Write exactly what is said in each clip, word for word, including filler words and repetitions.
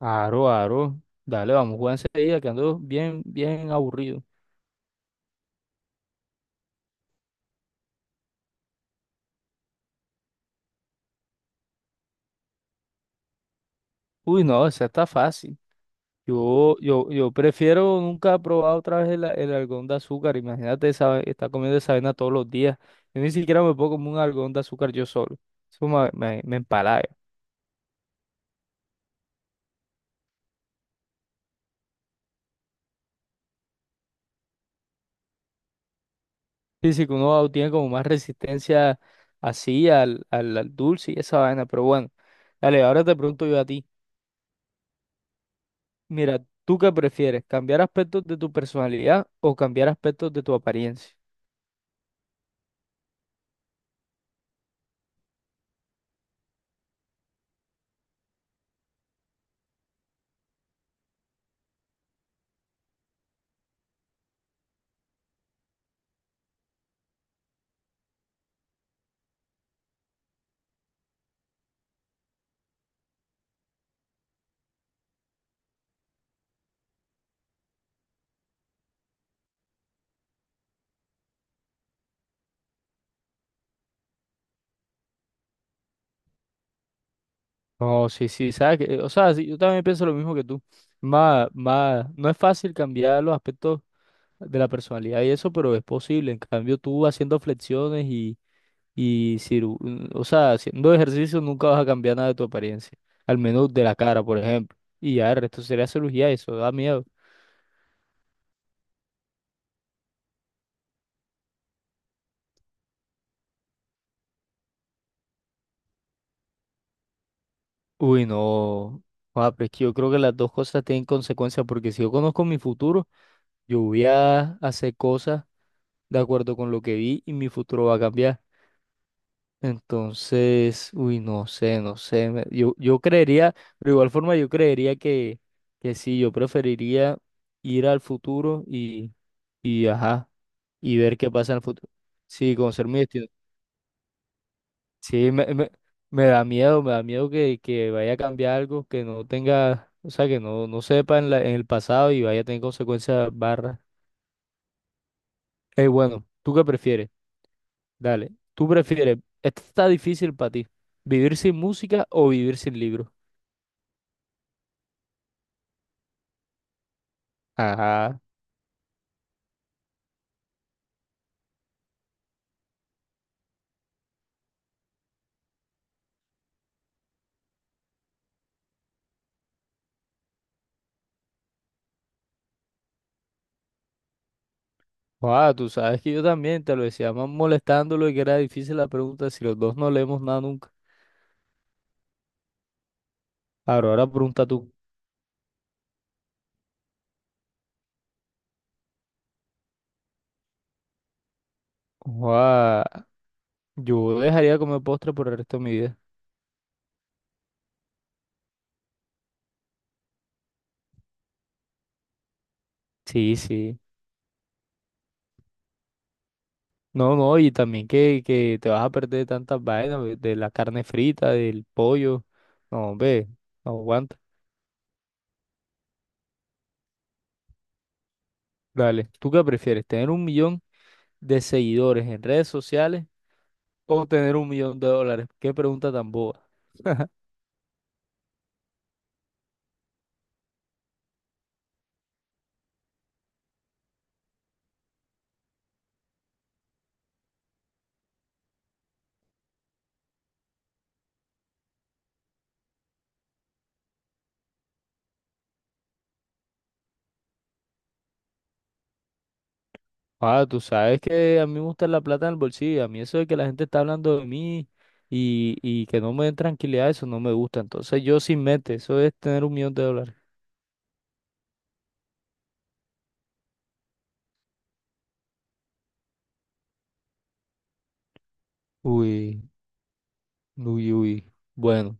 Aro, aro. Dale, vamos a jugar enseguida, que ando bien, bien aburrido. Uy, no, esa está fácil. Yo, yo, yo prefiero nunca probar otra vez el, a- el algodón de azúcar. Imagínate esa, estar comiendo esa vaina todos los días. Yo ni siquiera me puedo comer un algodón de azúcar yo solo. Eso me, me, me empalaga. Sí, sí, que uno tiene como más resistencia así al, al, al dulce y esa vaina. Pero bueno, dale, ahora te pregunto yo a ti. Mira, ¿tú qué prefieres? ¿Cambiar aspectos de tu personalidad o cambiar aspectos de tu apariencia? No, sí, sí, sabes que, o sea, sí, yo también pienso lo mismo que tú. Más, más, no es fácil cambiar los aspectos de la personalidad y eso, pero es posible. En cambio, tú haciendo flexiones y, y ciru- o sea, haciendo ejercicio nunca vas a cambiar nada de tu apariencia. Al menos de la cara, por ejemplo. Y ya, el resto sería cirugía, y eso da miedo. Uy, no. Ah, pero es que yo creo que las dos cosas tienen consecuencias, porque si yo conozco mi futuro, yo voy a hacer cosas de acuerdo con lo que vi y mi futuro va a cambiar. Entonces, uy, no sé, no sé. me- Yo, yo creería, pero de igual forma yo creería que, que, sí, yo preferiría ir al futuro y, y ajá, y ver qué pasa en el futuro. Sí, conocer mi destino. Sí, me, me, me da miedo, me da miedo que, que vaya a cambiar algo, que no tenga, o sea, que no, no sepa en la- en el pasado y vaya a tener consecuencias barras. Eh, bueno, ¿tú qué prefieres? Dale, ¿tú prefieres? Esto está difícil para ti. ¿Vivir sin música o vivir sin libros? Ajá. Ah, tú sabes que yo también te lo decía más molestándolo y que era difícil la pregunta si los dos no leemos nada nunca. Ahora, ahora pregunta tú. Ah, yo dejaría de comer postre por el resto de mi vida. Sí, sí. No, no, y también que, que te vas a perder de tantas vainas, ve, de la carne frita, del pollo. No, ve, no aguanta. Dale, ¿tú qué prefieres? ¿Tener un millón de seguidores en redes sociales o tener un millón de dólares? Qué pregunta tan boba. Ah, tú sabes que a mí me gusta la plata en el bolsillo. A mí eso de que la gente está hablando de mí y, y que no me den tranquilidad, eso no me gusta. Entonces yo sin mente, eso es tener un millón de dólares. Uy, uy, uy. Bueno,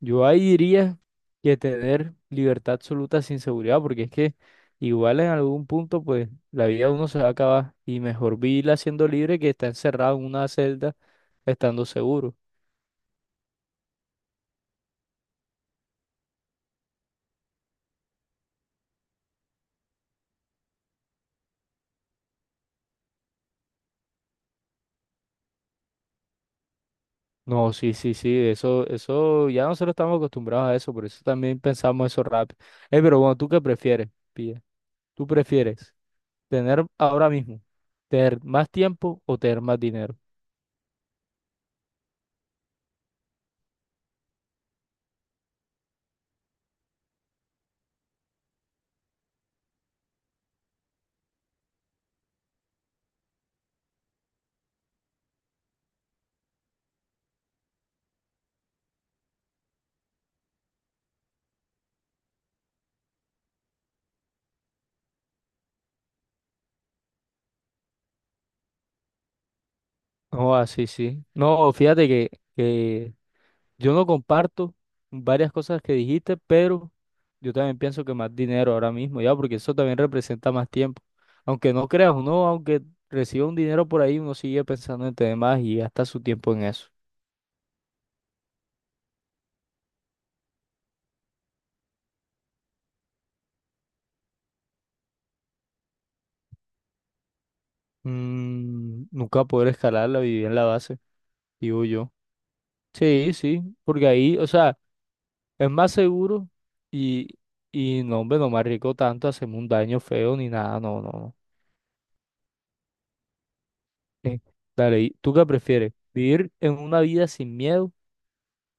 yo ahí diría que tener libertad absoluta sin seguridad, porque es que igual en algún punto, pues la vida de uno se va a acabar y mejor vivirla siendo libre que estar encerrado en una celda estando seguro. No, sí, sí, sí, eso, eso, ya nosotros estamos acostumbrados a eso, por eso también pensamos eso rápido. Eh, pero bueno, ¿tú qué prefieres, pilla? ¿Tú prefieres tener ahora mismo, tener más tiempo o tener más dinero? No, así, sí. Sí. No, fíjate que, que, yo no comparto varias cosas que dijiste, pero yo también pienso que más dinero ahora mismo, ya, porque eso también representa más tiempo. Aunque no creas, uno, aunque reciba un dinero por ahí, uno sigue pensando en tener más y gasta su tiempo en eso. Mm, nunca poder escalar la viví en la base, digo yo. Sí, sí, porque ahí, o sea, es más seguro y, y no, hombre, no me arriesgo tanto a hacerme un daño feo ni nada, no, no, no. Sí. Dale, ¿y ¿tú qué prefieres? ¿Vivir en una vida sin miedo?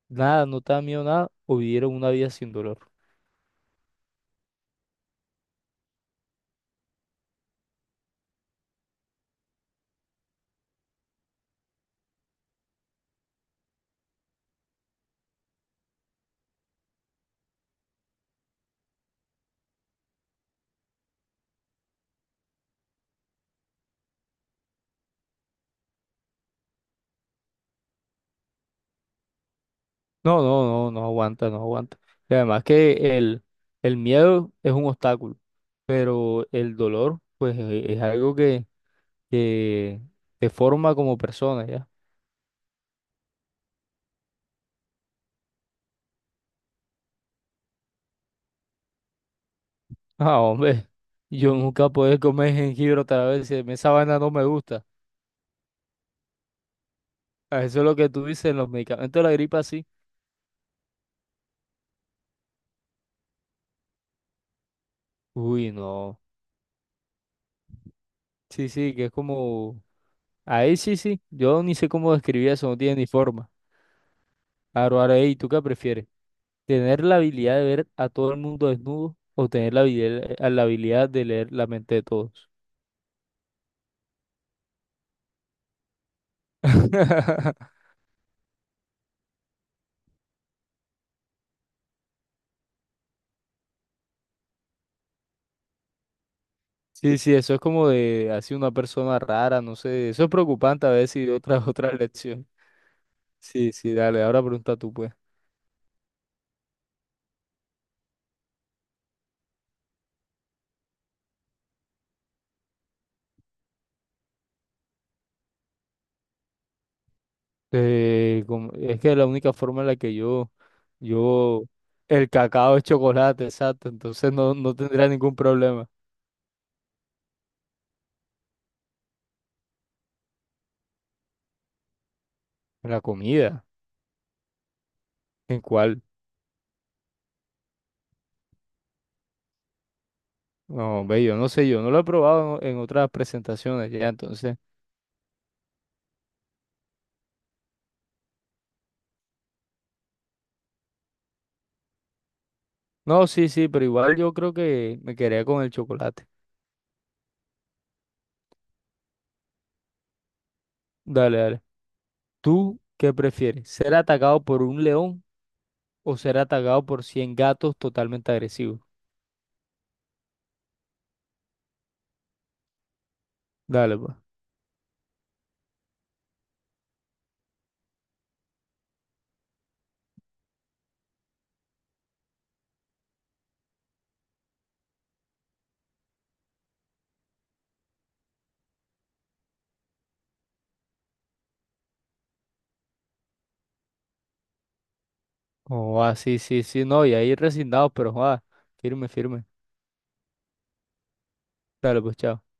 Nada, no te da miedo nada, o vivir en una vida sin dolor. No, no, no, no aguanta, no aguanta. Y además que el, el miedo es un obstáculo, pero el dolor, pues, e- es algo que, que te forma como persona, ¿ya? Ah, hombre, yo nunca podré comer jengibre otra vez. Si a mí esa vaina no me gusta. Ah, eso es lo que tú dices los medicamentos de la gripa, sí. Uy, no. Sí, sí, que es como. Ahí sí, sí. Yo ni sé cómo describir eso, no tiene ni forma. Ahora, ahora, ey, ¿tú qué prefieres? ¿Tener la habilidad de ver a todo el mundo desnudo o tener la habilidad, eh, la habilidad de leer la mente de todos? Sí, sí, eso es como de así una persona rara, no sé. Eso es preocupante a veces y otra, otra lección. Sí, sí, dale, ahora pregunta tú, pues. Eh, como- es que la única forma en la que yo, yo, el cacao es chocolate, exacto, entonces no, no tendría ningún problema. La comida, ¿en cuál? No, ve, yo no sé, yo no lo he probado en, en otras presentaciones ya, entonces. No, sí, sí, pero igual yo creo que me quedaría con el chocolate. Dale, dale. ¿Tú qué prefieres? ¿Ser atacado por un león o ser atacado por cien gatos totalmente agresivos? Dale, pues. Oh, ah, sí, sí, sí, no, y ahí resignados, pero joder, firme, firme. Dale, pues, chao.